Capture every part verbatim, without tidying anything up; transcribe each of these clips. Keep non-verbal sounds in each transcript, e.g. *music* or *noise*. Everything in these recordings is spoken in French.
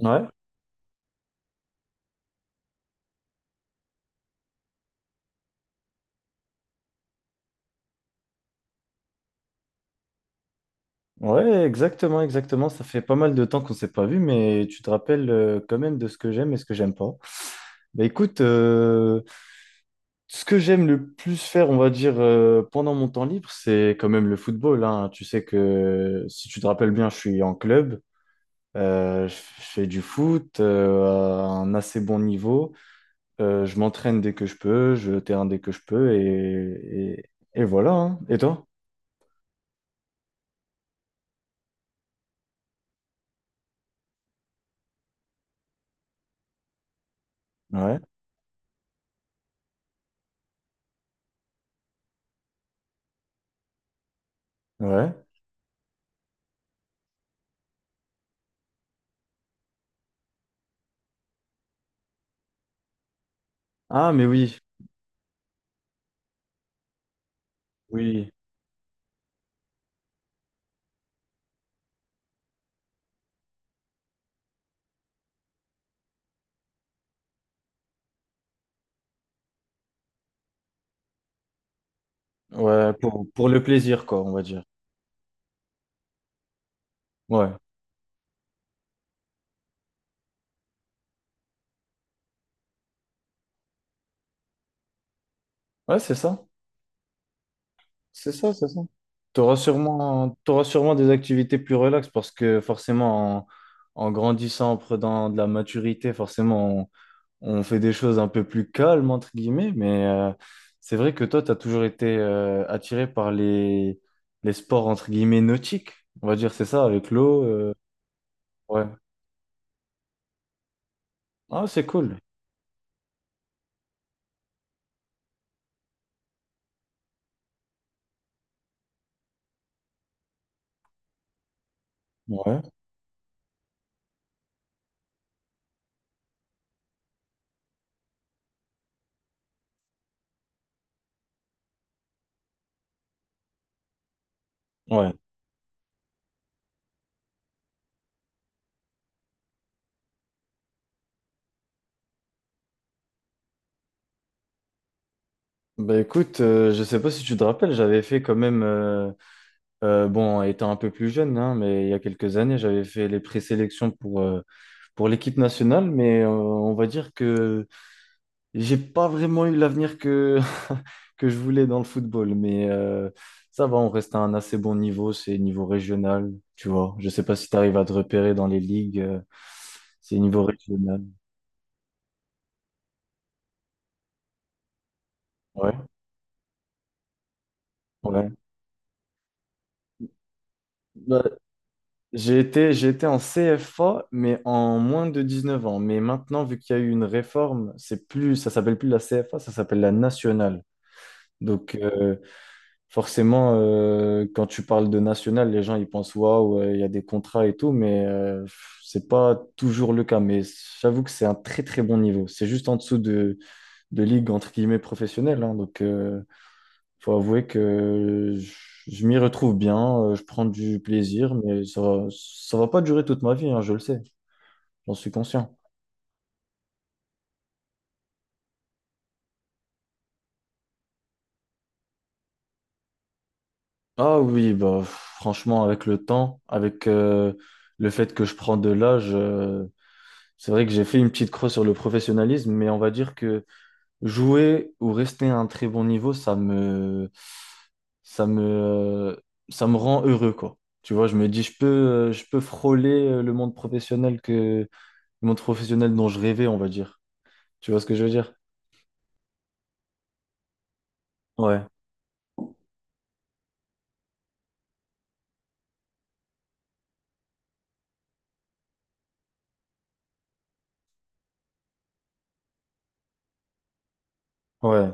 Ouais, ouais, exactement, exactement. Ça fait pas mal de temps qu'on s'est pas vu, mais tu te rappelles euh, quand même de ce que j'aime et ce que j'aime pas. Bah écoute, euh, ce que j'aime le plus faire, on va dire, euh, pendant mon temps libre, c'est quand même le football, hein. Tu sais que si tu te rappelles bien, je suis en club, euh, je je fais du foot euh, à un assez bon niveau. Euh, je m'entraîne dès que je peux, je vais au terrain dès que je peux, et, et, et voilà, hein. Et toi? Ouais, ouais. Ah, mais oui, oui. Ouais, pour, pour le plaisir, quoi, on va dire. Ouais, ouais, c'est ça. C'est ça, c'est ça. T'auras sûrement, t'auras sûrement des activités plus relaxes parce que forcément, en, en grandissant, en prenant de la maturité, forcément, on, on fait des choses un peu plus calmes, entre guillemets. Mais euh, c'est vrai que toi, t'as toujours été euh, attiré par les, les sports, entre guillemets, nautiques. On va dire, c'est ça, avec l'eau. Euh, ouais. Ah, c'est cool. Ouais, ouais. Bah écoute, euh, je sais pas si tu te rappelles, j'avais fait quand même. Euh, Euh, bon, étant un peu plus jeune, hein, mais il y a quelques années, j'avais fait les présélections pour, euh, pour l'équipe nationale, mais euh, on va dire que j'ai pas vraiment eu l'avenir que, *laughs* que je voulais dans le football. Mais euh, ça va, on reste à un assez bon niveau, c'est niveau régional, tu vois. Je sais pas si tu arrives à te repérer dans les ligues, euh, c'est niveau régional. Ouais, ouais. Bah, j'ai été, j'ai été en C F A, mais en moins de dix-neuf ans. Mais maintenant, vu qu'il y a eu une réforme, c'est plus, ça s'appelle plus la C F A, ça s'appelle la nationale. Donc, euh, forcément, euh, quand tu parles de nationale, les gens ils pensent waouh, euh, il y a des contrats et tout, mais euh, pff, c'est pas toujours le cas. Mais j'avoue que c'est un très très bon niveau. C'est juste en dessous de, de ligue entre guillemets professionnelle, hein. Donc, euh, faut avouer que je, je m'y retrouve bien, euh, je prends du plaisir, mais ça va, ça va pas durer toute ma vie, hein, je le sais, j'en suis conscient. Ah oui, bah franchement, avec le temps, avec euh, le fait que je prends de l'âge, euh, c'est vrai que j'ai fait une petite croix sur le professionnalisme, mais on va dire que jouer ou rester à un très bon niveau, ça me, ça me, euh, ça me rend heureux, quoi. Tu vois, je me dis, je peux, euh, je peux frôler euh, le monde professionnel que le monde professionnel dont je rêvais, on va dire. Tu vois ce que je veux dire? Ouais, ouais.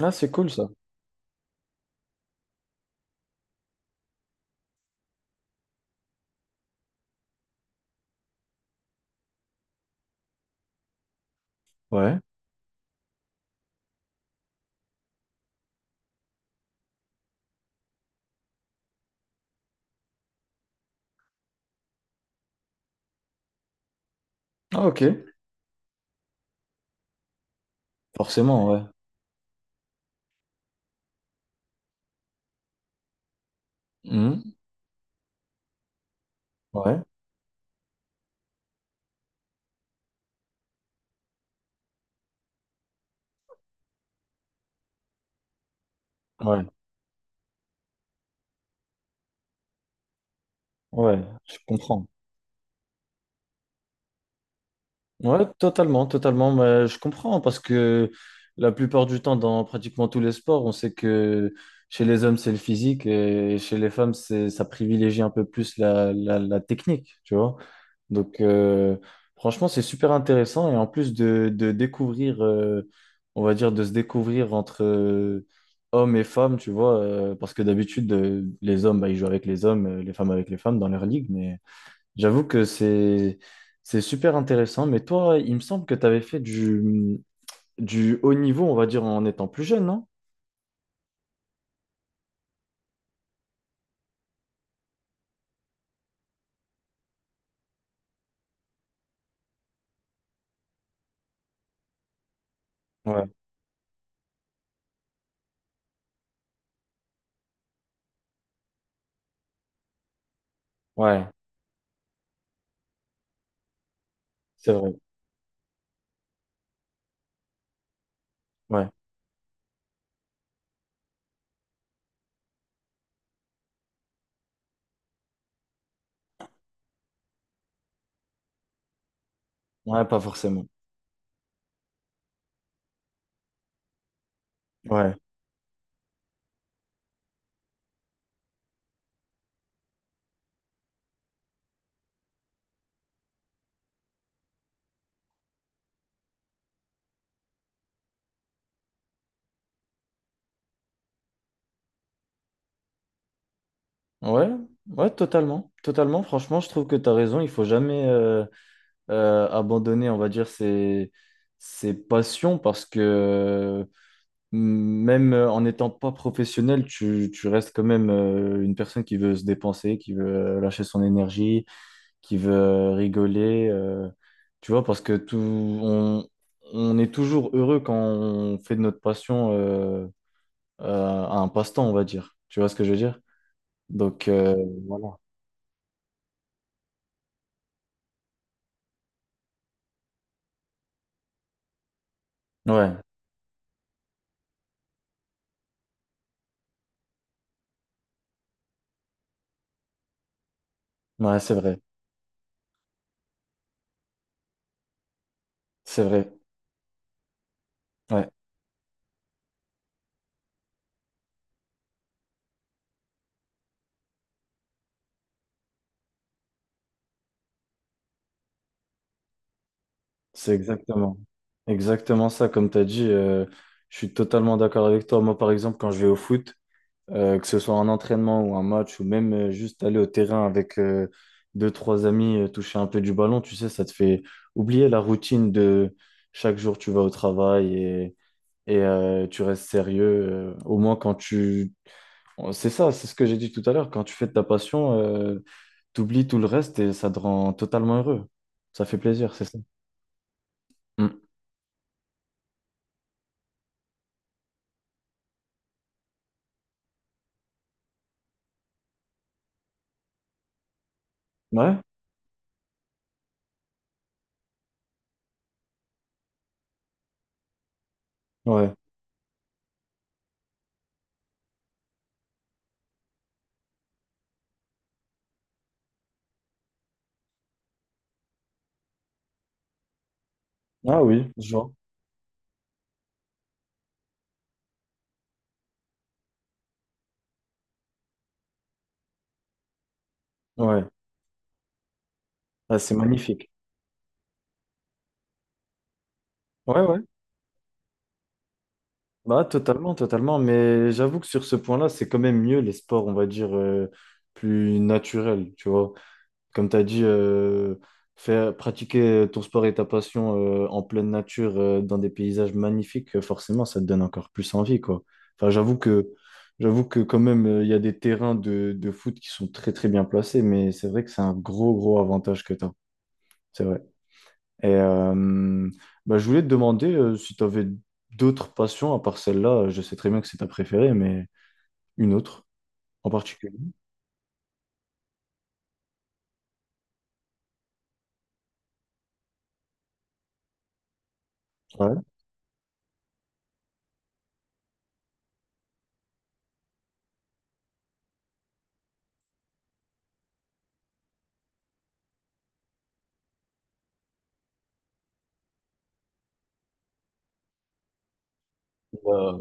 Ah, c'est cool ça. Ouais. Ah, ok. Forcément, ouais. Mhm. Ouais, ouais, ouais. Je comprends. Ouais, totalement, totalement. Mais je comprends parce que la plupart du temps, dans pratiquement tous les sports, on sait que chez les hommes, c'est le physique et chez les femmes, c'est, ça privilégie un peu plus la, la, la technique, tu vois. Donc, euh, franchement, c'est super intéressant et en plus de, de découvrir, euh, on va dire, de se découvrir entre euh, hommes et femmes, tu vois, euh, parce que d'habitude, euh, les hommes, bah, ils jouent avec les hommes, euh, les femmes avec les femmes dans leur ligue, mais. J'avoue que c'est c'est super intéressant, mais toi, il me semble que tu avais fait du, du haut niveau, on va dire, en étant plus jeune, non? Ouais, ouais, c'est vrai. Ouais, ouais, pas forcément. Ouais, ouais, ouais, totalement. Totalement, franchement, je trouve que tu as raison. Il faut jamais euh, euh, abandonner, on va dire, ses, ses passions parce que euh, même euh, en n'étant pas professionnel, tu, tu restes quand même euh, une personne qui veut se dépenser, qui veut euh, lâcher son énergie qui veut rigoler, euh, tu vois, parce que tout, on, on est toujours heureux quand on fait de notre passion euh, euh, un passe-temps, on va dire. Tu vois ce que je veux dire? Donc, euh, voilà. Ouais, ouais, c'est vrai, c'est vrai, ouais, c'est exactement, exactement ça, comme tu as dit, euh, je suis totalement d'accord avec toi. Moi, par exemple, quand je vais au foot, Euh, que ce soit un entraînement ou un match, ou même euh, juste aller au terrain avec euh, deux, trois amis, euh, toucher un peu du ballon, tu sais, ça te fait oublier la routine de chaque jour tu vas au travail et, et, euh, tu restes sérieux. Euh, au moins quand tu... c'est ça, c'est ce que j'ai dit tout à l'heure, quand tu fais de ta passion, euh, t'oublies tout le reste et ça te rend totalement heureux. Ça fait plaisir, c'est ça. Mm. Ouais? Ouais. Ah oui, je vois. Ouais. Ah, c'est magnifique. Ouais, ouais. Bah, totalement, totalement. Mais j'avoue que sur ce point-là, c'est quand même mieux les sports, on va dire, euh, plus naturels, tu vois. Comme tu as dit, euh, faire, pratiquer ton sport et ta passion euh, en pleine nature, euh, dans des paysages magnifiques, euh, forcément, ça te donne encore plus envie, quoi. Enfin, j'avoue que, j'avoue que quand même, euh, il y a des terrains de, de foot qui sont très, très bien placés, mais c'est vrai que c'est un gros, gros avantage que tu as. C'est vrai. Et euh, bah, je voulais te demander euh, si tu avais d'autres passions à part celle-là. euh, Je sais très bien que c'est ta préférée, mais une autre en particulier. Ouais. Euh,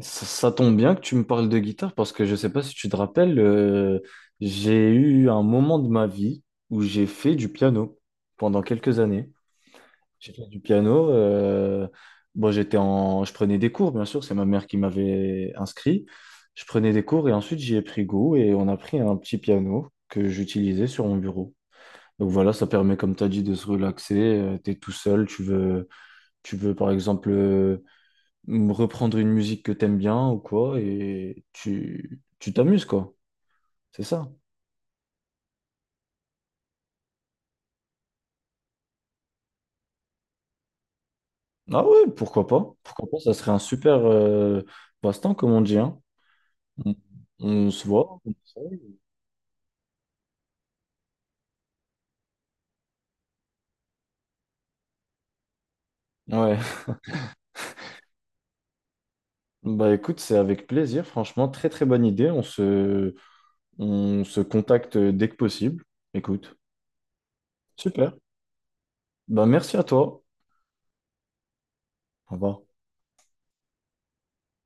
Ça, ça tombe bien que tu me parles de guitare parce que je sais pas si tu te rappelles, euh, j'ai eu un moment de ma vie où j'ai fait du piano pendant quelques années. J'ai fait du piano. Euh, bon, j'étais en, je prenais des cours, bien sûr, c'est ma mère qui m'avait inscrit. Je prenais des cours et ensuite j'y ai pris goût et on a pris un petit piano que j'utilisais sur mon bureau. Donc voilà, ça permet, comme tu as dit, de se relaxer. Tu es tout seul, tu veux, tu veux par exemple euh, m- reprendre une musique que t'aimes bien ou quoi, et tu, tu t'amuses, quoi. C'est ça. Ah ouais, pourquoi pas? Pourquoi pas? Ça serait un super euh, passe-temps, comme on dit, hein. On, on se voit. On essaye. Ouais, *laughs* bah écoute, c'est avec plaisir, franchement, très très bonne idée. On se, on se contacte dès que possible. Écoute, super. Bah merci à toi. Au revoir.